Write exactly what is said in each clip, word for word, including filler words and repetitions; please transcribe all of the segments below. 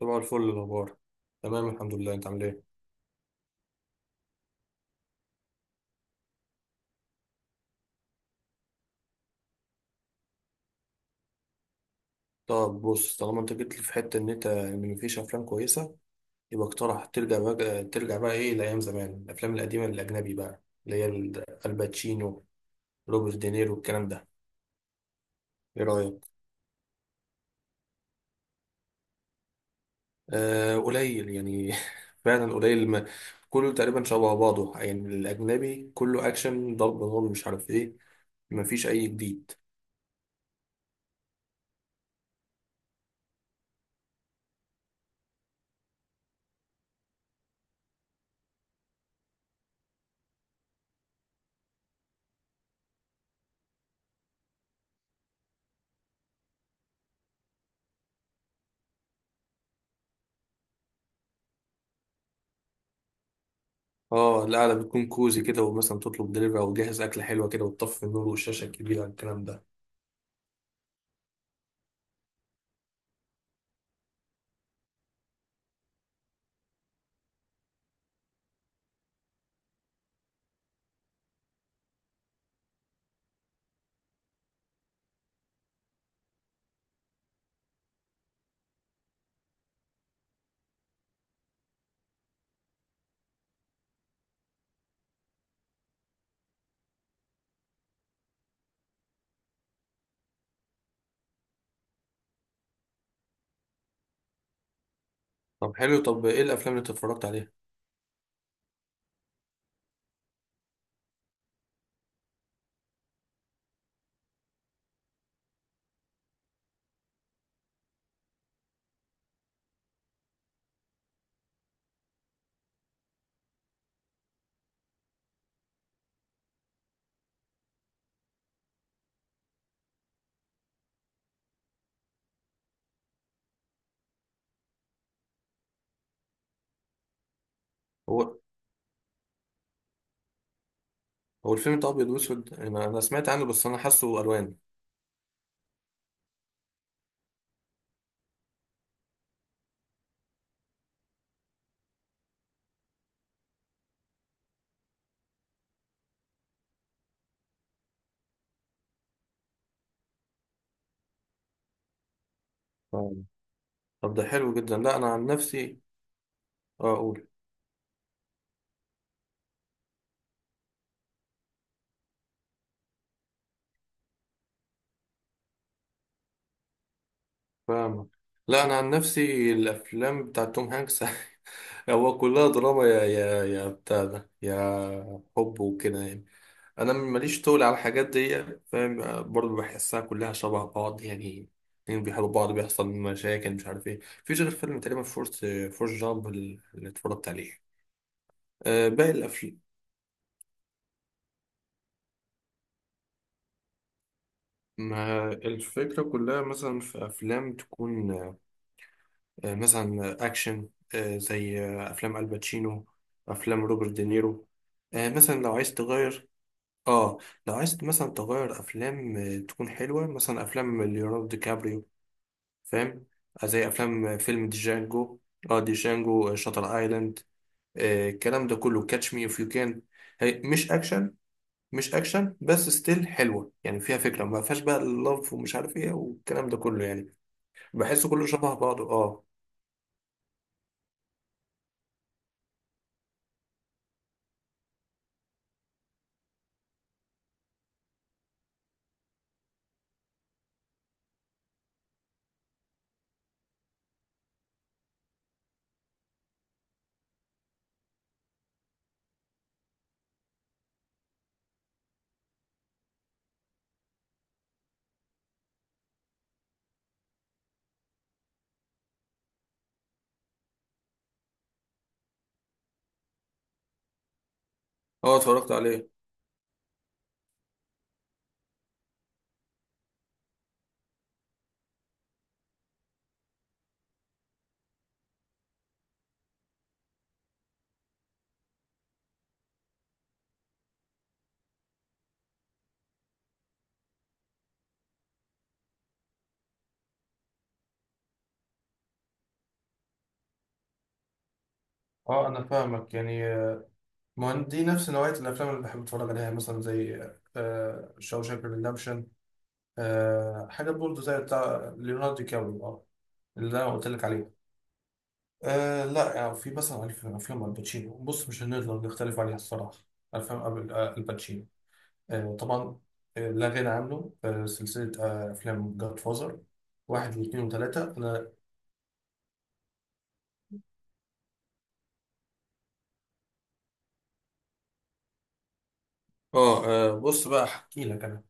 صباح الفل. الأخبار تمام، الحمد لله. أنت عامل إيه؟ طب بص، طالما أنت جيت لي في حتة إن أنت إن مفيش أفلام كويسة، يبقى اقترح ترجع بقى ترجع بقى إيه لأيام زمان، الأفلام القديمة الأجنبي بقى اللي هي ال- الباتشينو، روبرت دينيرو، الكلام ده. إيه رأيك؟ آه، قليل يعني فعلا قليل ما. كله تقريبا شبه بعضه يعني، الأجنبي كله أكشن، ضرب نار، مش عارف إيه. مفيش أي جديد. اه، القعدة بتكون كوزي كده، ومثلا تطلب دليفري او جاهز اكله حلوه كده، وتطفي النور والشاشه الكبيره، الكلام ده. طب حلو. طب ايه الافلام اللي انت اتفرجت عليها؟ هو هو الفيلم ده ابيض واسود؟ انا انا سمعت عنه بس انا حاسه الوان. ف- طب ده حلو جدا. لا انا عن نفسي، آه، اقول. فاهمك. لا انا عن نفسي الافلام بتاع توم هانكس هو كلها دراما، يا يا يا بتاع ده، يا حب وكده يعني. انا ماليش طول على الحاجات دي، فاهم؟ آه، برضه بحسها كلها شبه بعض يعني. اتنين بيحبوا بعض، بيحصل مشاكل، مش عارف ايه. مفيش غير فيلم تقريبا فورس فورس جامب اللي اتفرجت عليه. آه، باقي الأفلام، ما الفكرة كلها. مثلا في أفلام تكون آه، مثلا أكشن، آه، زي آه، أفلام الباتشينو، أفلام روبرت دينيرو، آه، مثلا لو عايز تغير. آه لو عايز مثلا تغير أفلام آه، تكون حلوة، مثلا أفلام ليوناردو دي كابريو، فاهم؟ آه، زي أفلام آه، فيلم ديجانجو، آه ديجانجو، آه، شاتر آيلاند، آه، الكلام ده كله، كاتش مي إف يو كان. هي مش أكشن، مش أكشن بس ستيل حلوة يعني. فيها فكرة، ما فيهاش بقى اللف ومش عارف إيه والكلام ده كله يعني. بحسه كله شبه بعضه. اه. اه اتفرجت عليه. اه انا فاهمك يعني، آه، ما هو دي نفس نوعية الافلام اللي بحب اتفرج عليها، مثلا زي آه، شاوشانك ريدمشن. حاجة برضه زي بتاع ليوناردو دي كابريو، اه، اللي انا قلت لك عليه. آه لا يعني، في مثلا ألف- افلام الباتشينو بص مش هنقدر نختلف عليها الصراحة. افلام أبل- آه، الباتشينو، آه طبعا، آه لا غنى عنه. آه سلسلة آه افلام جاد فازر واحد واثنين وثلاثة. انا اه، آه، بص بقى احكي لك انا.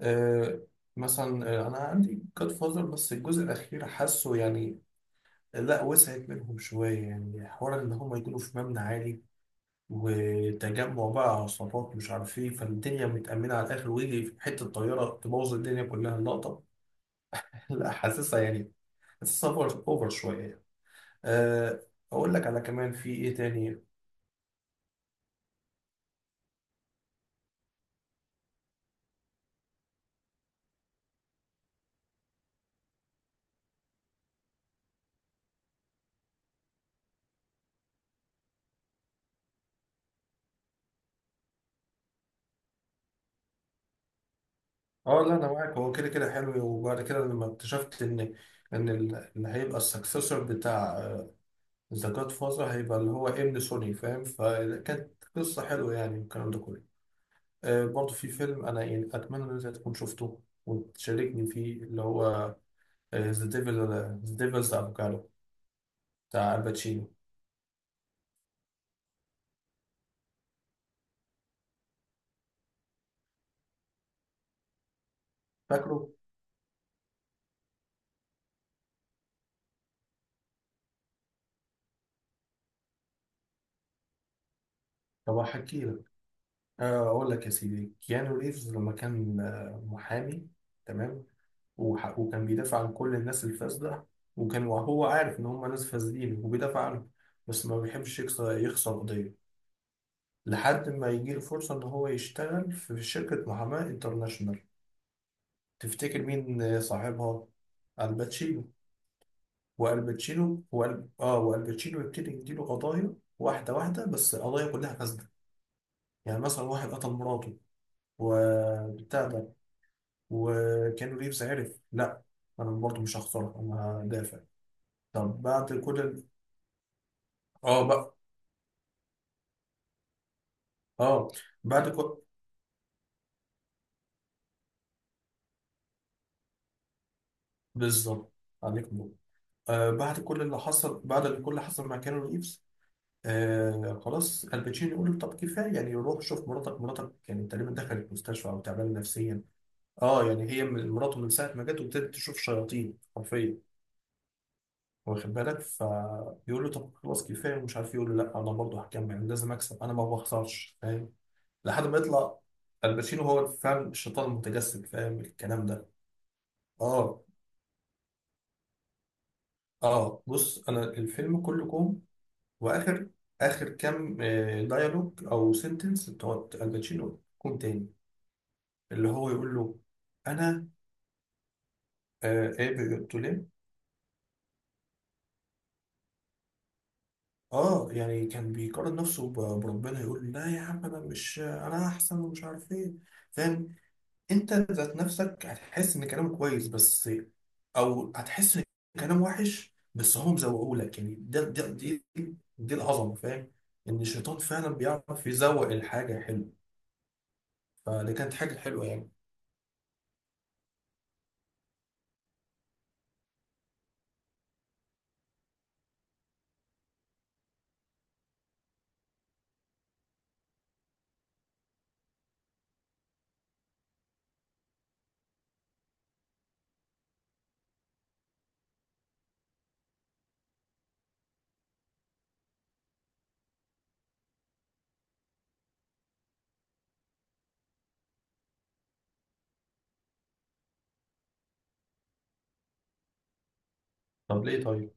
آه، مثلا، آه، انا عندي جاد فازر بس الجزء الاخير حاسه يعني لا، وسعت منهم شويه يعني. حوار ان هم يكونوا في مبنى عالي وتجمع بقى عصابات مش عارف ايه، فالدنيا متأمنة على الآخر، ويجي في حتة طيارة تبوظ الدنيا كلها اللقطة. لا حاسسها يعني، حاسسها أوفر أوفر شوية يعني. أه، أقول لك على كمان في إيه تاني. أه لا أنا معاك، هو كده كده حلو. وبعد كده لما اكتشفت إن إن ال- اللي هيبقى السكسسور بتاع آه، ذا جاد فازر هيبقى اللي هو ابن سوني، فاهم، فكانت قصة حلوة يعني والكلام ده كله. آه برضه في فيلم أنا يعني أتمنى إن أنت تكون شفته وتشاركني فيه اللي هو ذا ديفل ذا ديفلز أفوكادو بتاع الباتشينو. فاكره؟ طب هحكي لك. آه أقول لك يا سيدي، كيانو ريفز لما كان آه، محامي، تمام، وح- وكان بيدافع عن كل الناس الفاسدة. وكان وهو عارف إن هم ناس فاسدين وبيدافع عنهم، بس ما بيحبش يكسر يخسر قضية، لحد ما يجي له فرصة إن هو يشتغل في شركة محاماة انترناشونال. تفتكر مين صاحبها؟ الباتشينو. والباتشينو وال... آه والباتشينو يبتدي يديله قضايا واحدة واحدة، بس قضايا كلها فاسدة. يعني مثلا واحد قتل مراته وبتاع ده، وكانو ريفز عرف، لا أنا برضه مش هخسرها، أنا هدافع. طب بعد كل ال... آه بقى. آه بعد كل بالظبط. عليك نور. آه بعد كل اللي حصل بعد اللي كل اللي حصل مع كانو ريفز، آه خلاص، الباتشينو يقول له طب كفايه يعني، روح شوف مراتك، مراتك يعني تقريبا دخلت مستشفى او تعبانه نفسيا. اه يعني هي من- مراته من ساعه ما جت، وابتدت تشوف شياطين حرفيا، واخد بالك؟ فيقول له طب خلاص كفايه ومش عارف إيه. يقول له لا انا برضه هكمل، لازم اكسب، انا ما بخسرش، فاهم؟ لحد ما يطلع الباتشينو هو فاهم الشيطان المتجسد، فاهم الكلام ده. اه. اه بص، انا الفيلم كله كوم، واخر اخر كام آه، ديالوج او سنتنس بتوع الباتشينو كوم تاني، اللي هو يقول له. انا آه ايه قلت له ليه؟ اه يعني كان بيقارن نفسه ب- بربنا، يقول لا يا عم انا مش، انا احسن، ومش عارف ايه، فاهم؟ انت ذات نفسك هتحس ان كلامك كويس بس، او هتحس ان كلام وحش بس هم مزوقوا لك يعني. ده ده دي دي العظمه، فاهم؟ ان الشيطان فعلا بيعرف يزوق الحاجه حلوه، فدي كانت حاجه حلوه يعني. طب ليه طيب؟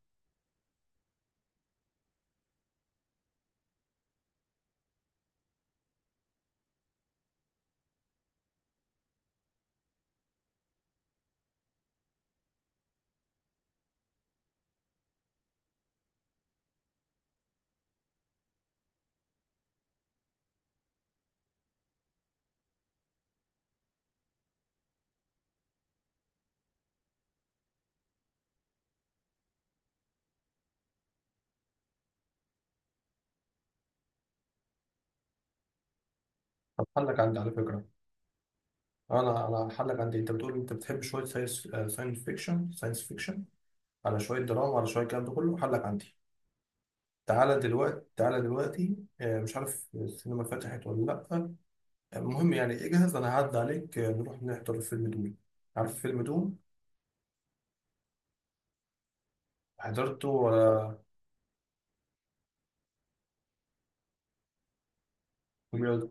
طب حلك عندي على فكره. اه، انا انا هحلك عندي، انت بتقول انت بتحب شويه ساينس ساينس فيكشن ساينس فيكشن على شويه دراما، على شويه الكلام ده كله، هحلك عندي. تعالى دلوقتي، تعالى دلوقتي آه، مش عارف السينما فتحت ولا لا. آه، المهم يعني اجهز، انا هعدي عليك، آه، نروح نحضر فيلم دوم. عارف فيلم دوم؟ حضرته ولا؟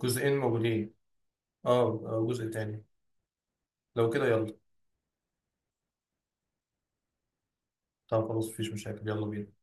جزئين موجودين. اه، آه، جزء تاني. لو كده يلا. طب خلاص مفيش مشاكل، يلا بينا.